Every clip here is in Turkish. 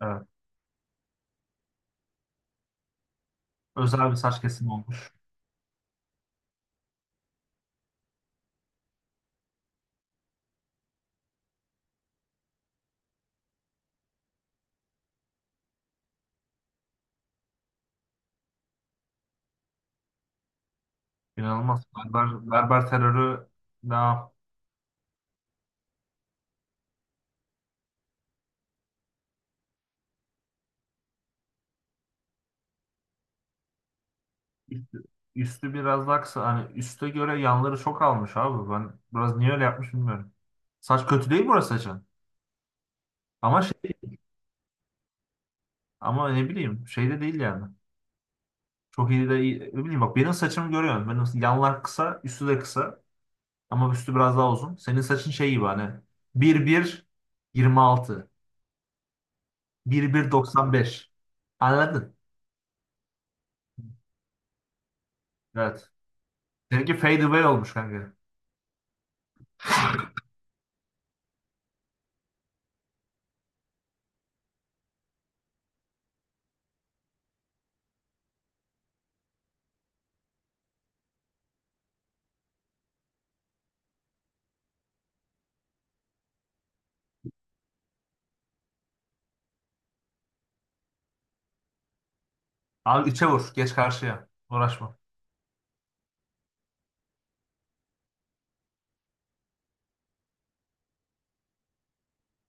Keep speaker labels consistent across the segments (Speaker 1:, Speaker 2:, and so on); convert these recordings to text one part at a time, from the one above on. Speaker 1: Evet. Özel bir saç kesimi olmuş. İnanılmaz. Berber terörü daha. Üstü, üstü biraz daha kısa. Hani üste göre yanları çok almış abi. Ben biraz niye öyle yapmış bilmiyorum. Saç kötü değil, burası saçın. Ama şey, ama ne bileyim, şey de değil yani. Çok iyi de iyi. Ne bileyim, bak benim saçımı görüyorsun. Benim yanlar kısa, üstü de kısa. Ama üstü biraz daha uzun. Senin saçın şey gibi, hani 1-1 26. bir 1 95. Anladın? Evet. Seninki fade away olmuş kanka. Abi içe vur. Geç karşıya. Uğraşma.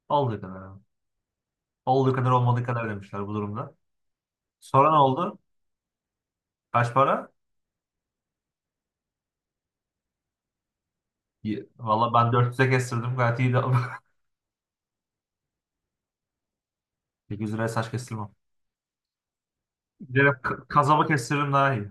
Speaker 1: Olduğu kadar abi. Olduğu kadar olmadığı kadar demişler bu durumda. Sonra ne oldu? Kaç para? Valla ben 400'e kestirdim. Gayet iyi de. 800 liraya saç kestirmem. Direkt kazaba kestiririm daha iyi.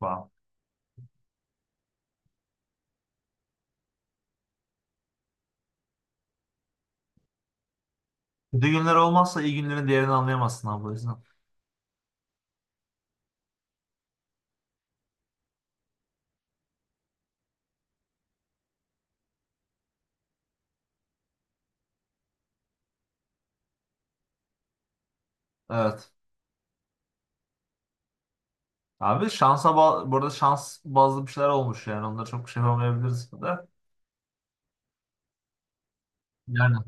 Speaker 1: Wow. Kötü günler olmazsa iyi günlerin değerini anlayamazsın abi, o yüzden. Evet. Abi şansa burada şans bazlı bir şeyler olmuş yani. Onlara çok bir şey yapamayabiliriz da. Yani.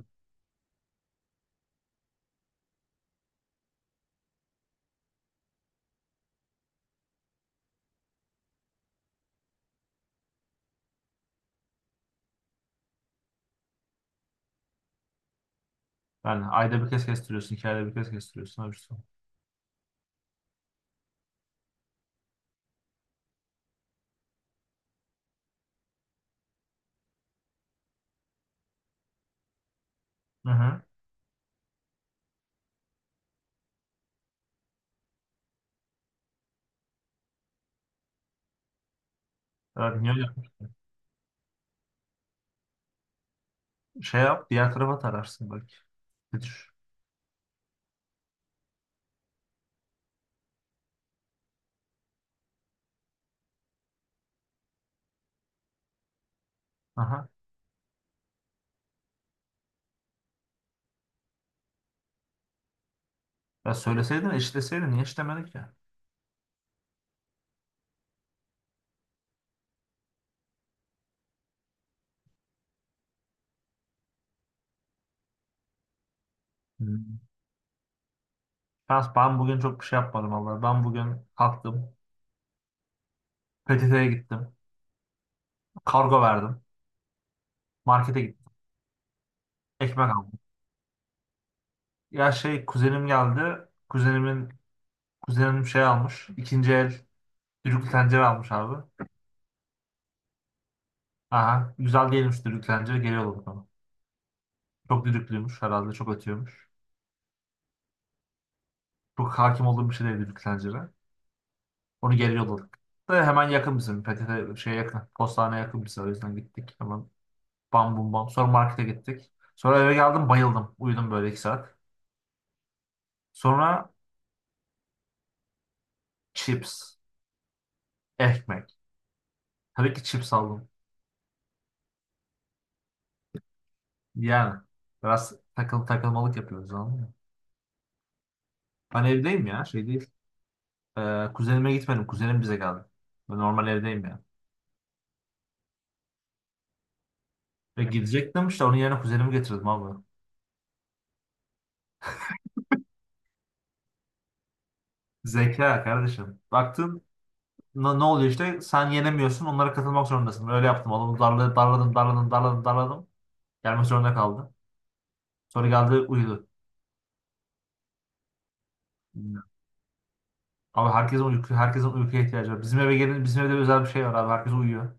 Speaker 1: Yani ayda bir kez kestiriyorsun, 2 ayda bir kez kestiriyorsun. Öyle bir şey. Hı hı. Evet, niye. Şey yap, diğer tarafa tararsın belki. Bir düş. Aha. Ya söyleseydin, eşitleseydin. Niye eşitlemedin ki? Hmm. Şans, ben bugün çok bir şey yapmadım vallahi. Ben bugün kalktım. PTT'ye gittim. Kargo verdim. Markete gittim. Ekmek aldım. Ya şey, kuzenim geldi. Kuzenim şey almış. İkinci el düdüklü tencere almış abi. Aha. Güzel değilmiş düdüklü tencere. Geliyordu bana. Çok düdüklüymüş herhalde. Çok ötüyormuş. Çok hakim olduğum bir şey değil düdüklü tencere. Onu geri yolladık. Da hemen yakın bizim. PTT şeye yakın. Postaneye yakın bize. O yüzden gittik. Hemen bam bum bam. Sonra markete gittik. Sonra eve geldim, bayıldım. Uyudum böyle 2 saat. Sonra chips. Ekmek. Tabii ki chips aldım. Yani biraz takıl takılmalık yapıyoruz, anladın mı? Ben evdeyim ya, şey değil. Kuzenime gitmedim. Kuzenim bize geldi. Ben normal evdeyim ya. Ve gidecektim işte, onun yerine kuzenimi getirdim abi. Zeka kardeşim. Baktın. Ne oluyor işte? Sen yenemiyorsun. Onlara katılmak zorundasın. Öyle yaptım. Adamı darladım, darladım, darladım, darladım, darladım. Gelmek zorunda kaldı. Sonra geldi, uyudu. Abi herkesin uykuya ihtiyacı var. Bizim eve gelin, bizim evde özel bir şey var abi. Herkes uyuyor.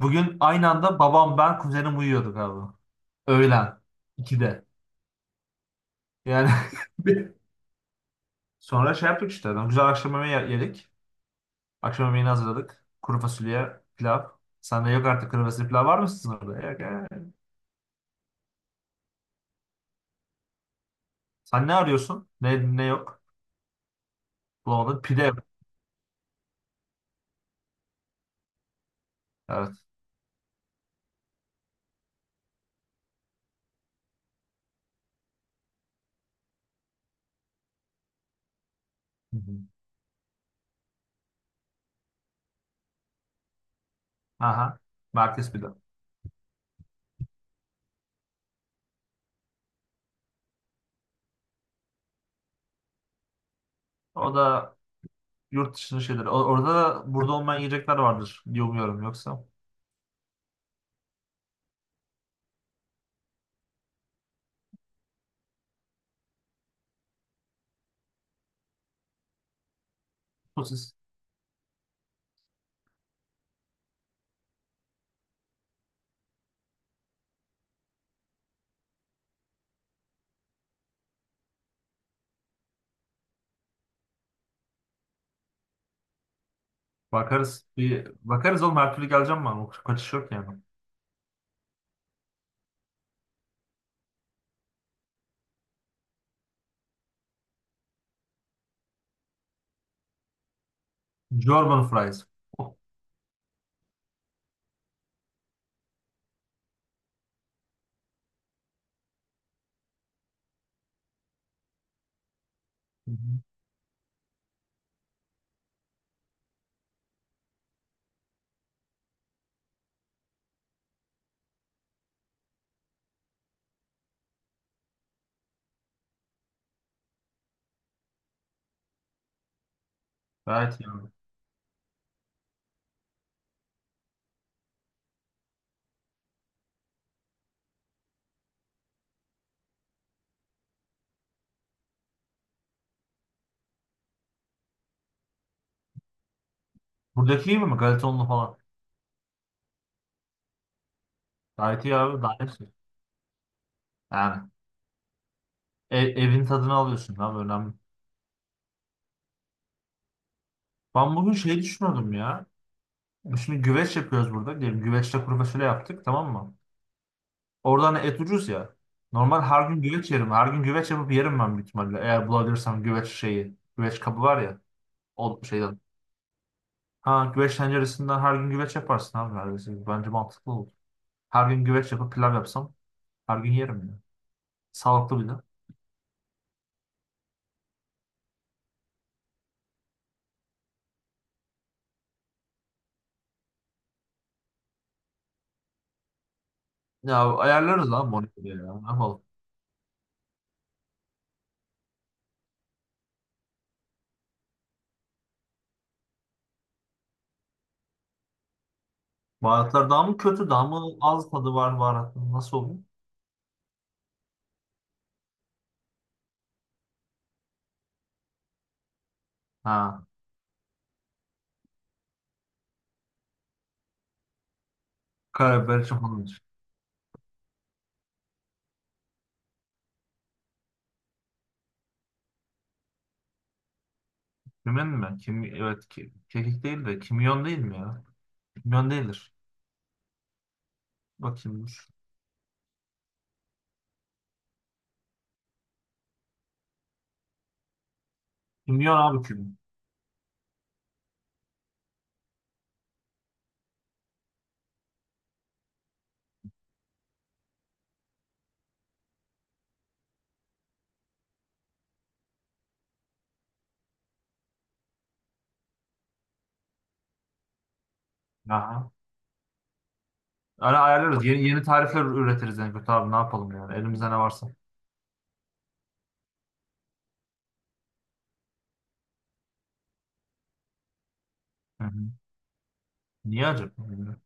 Speaker 1: Bugün aynı anda babam, ben, kuzenim uyuyorduk abi. Öğlen. 2'de. Yani sonra şey yaptık işte. Güzel akşam yemeği yedik. Akşam yemeğini hazırladık. Kuru fasulye, pilav. Sende yok artık, kuru fasulye pilav var mı sizin orada? Yok. Sen ne arıyorsun? Ne yok? Bulamadın. Pide yok. Evet. Hı hı. Aha. Merkez bir de. O da yurt dışının şeyleri. Orada da burada olmayan yiyecekler vardır diye umuyorum, yoksa. Sosis. Bakarız. Bakarız oğlum, her türlü geleceğim ben. O kaçış yok yani. German fries. Oh. Hı hı. Gayet iyi abi. Buradaki iyi mi? Galetonlu falan. Gayet iyi abi. Daha hepsi. Yani evin tadını alıyorsun abi, önemli. Ben bugün şey düşünüyordum ya. Şimdi güveç yapıyoruz burada. Diyelim güveçle kuru fasulye yaptık, tamam mı? Orada hani et ucuz ya. Normal her gün güveç yerim. Her gün güveç yapıp yerim ben büyük ihtimalle. Eğer bulabilirsem güveç şeyi. Güveç kabı var ya. O şeyden. Ha güveç tenceresinden her gün güveç yaparsın abi, neredeyse. Bence mantıklı olur. Her gün güveç yapıp pilav yapsam her gün yerim ya. Sağlıklı bir de. Ya ayarlarız abi monitörü ya. Ne yapalım? Baharatlar daha mı kötü, daha mı az tadı var baharatın? Nasıl oluyor? Ha. Karabiber için falan. Kimyon mu? Evet ki, kekik değil de kimyon değil mi ya? Kimyon değildir. Bakayım dur. Kimyon abi, kimyon. Aha. Öyle ayarlarız. Yeni tarifler üretiriz en kötü abi. Ne yapalım yani? Elimizde ne varsa. Hı hı. Niye acaba? Bilmiyorum.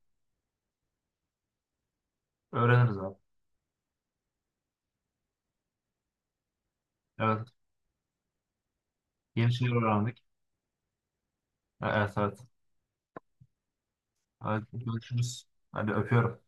Speaker 1: Öğreniriz abi. Evet. Yeni şeyler öğrendik. Evet evet. Hadi görüşürüz. Hadi öpüyorum.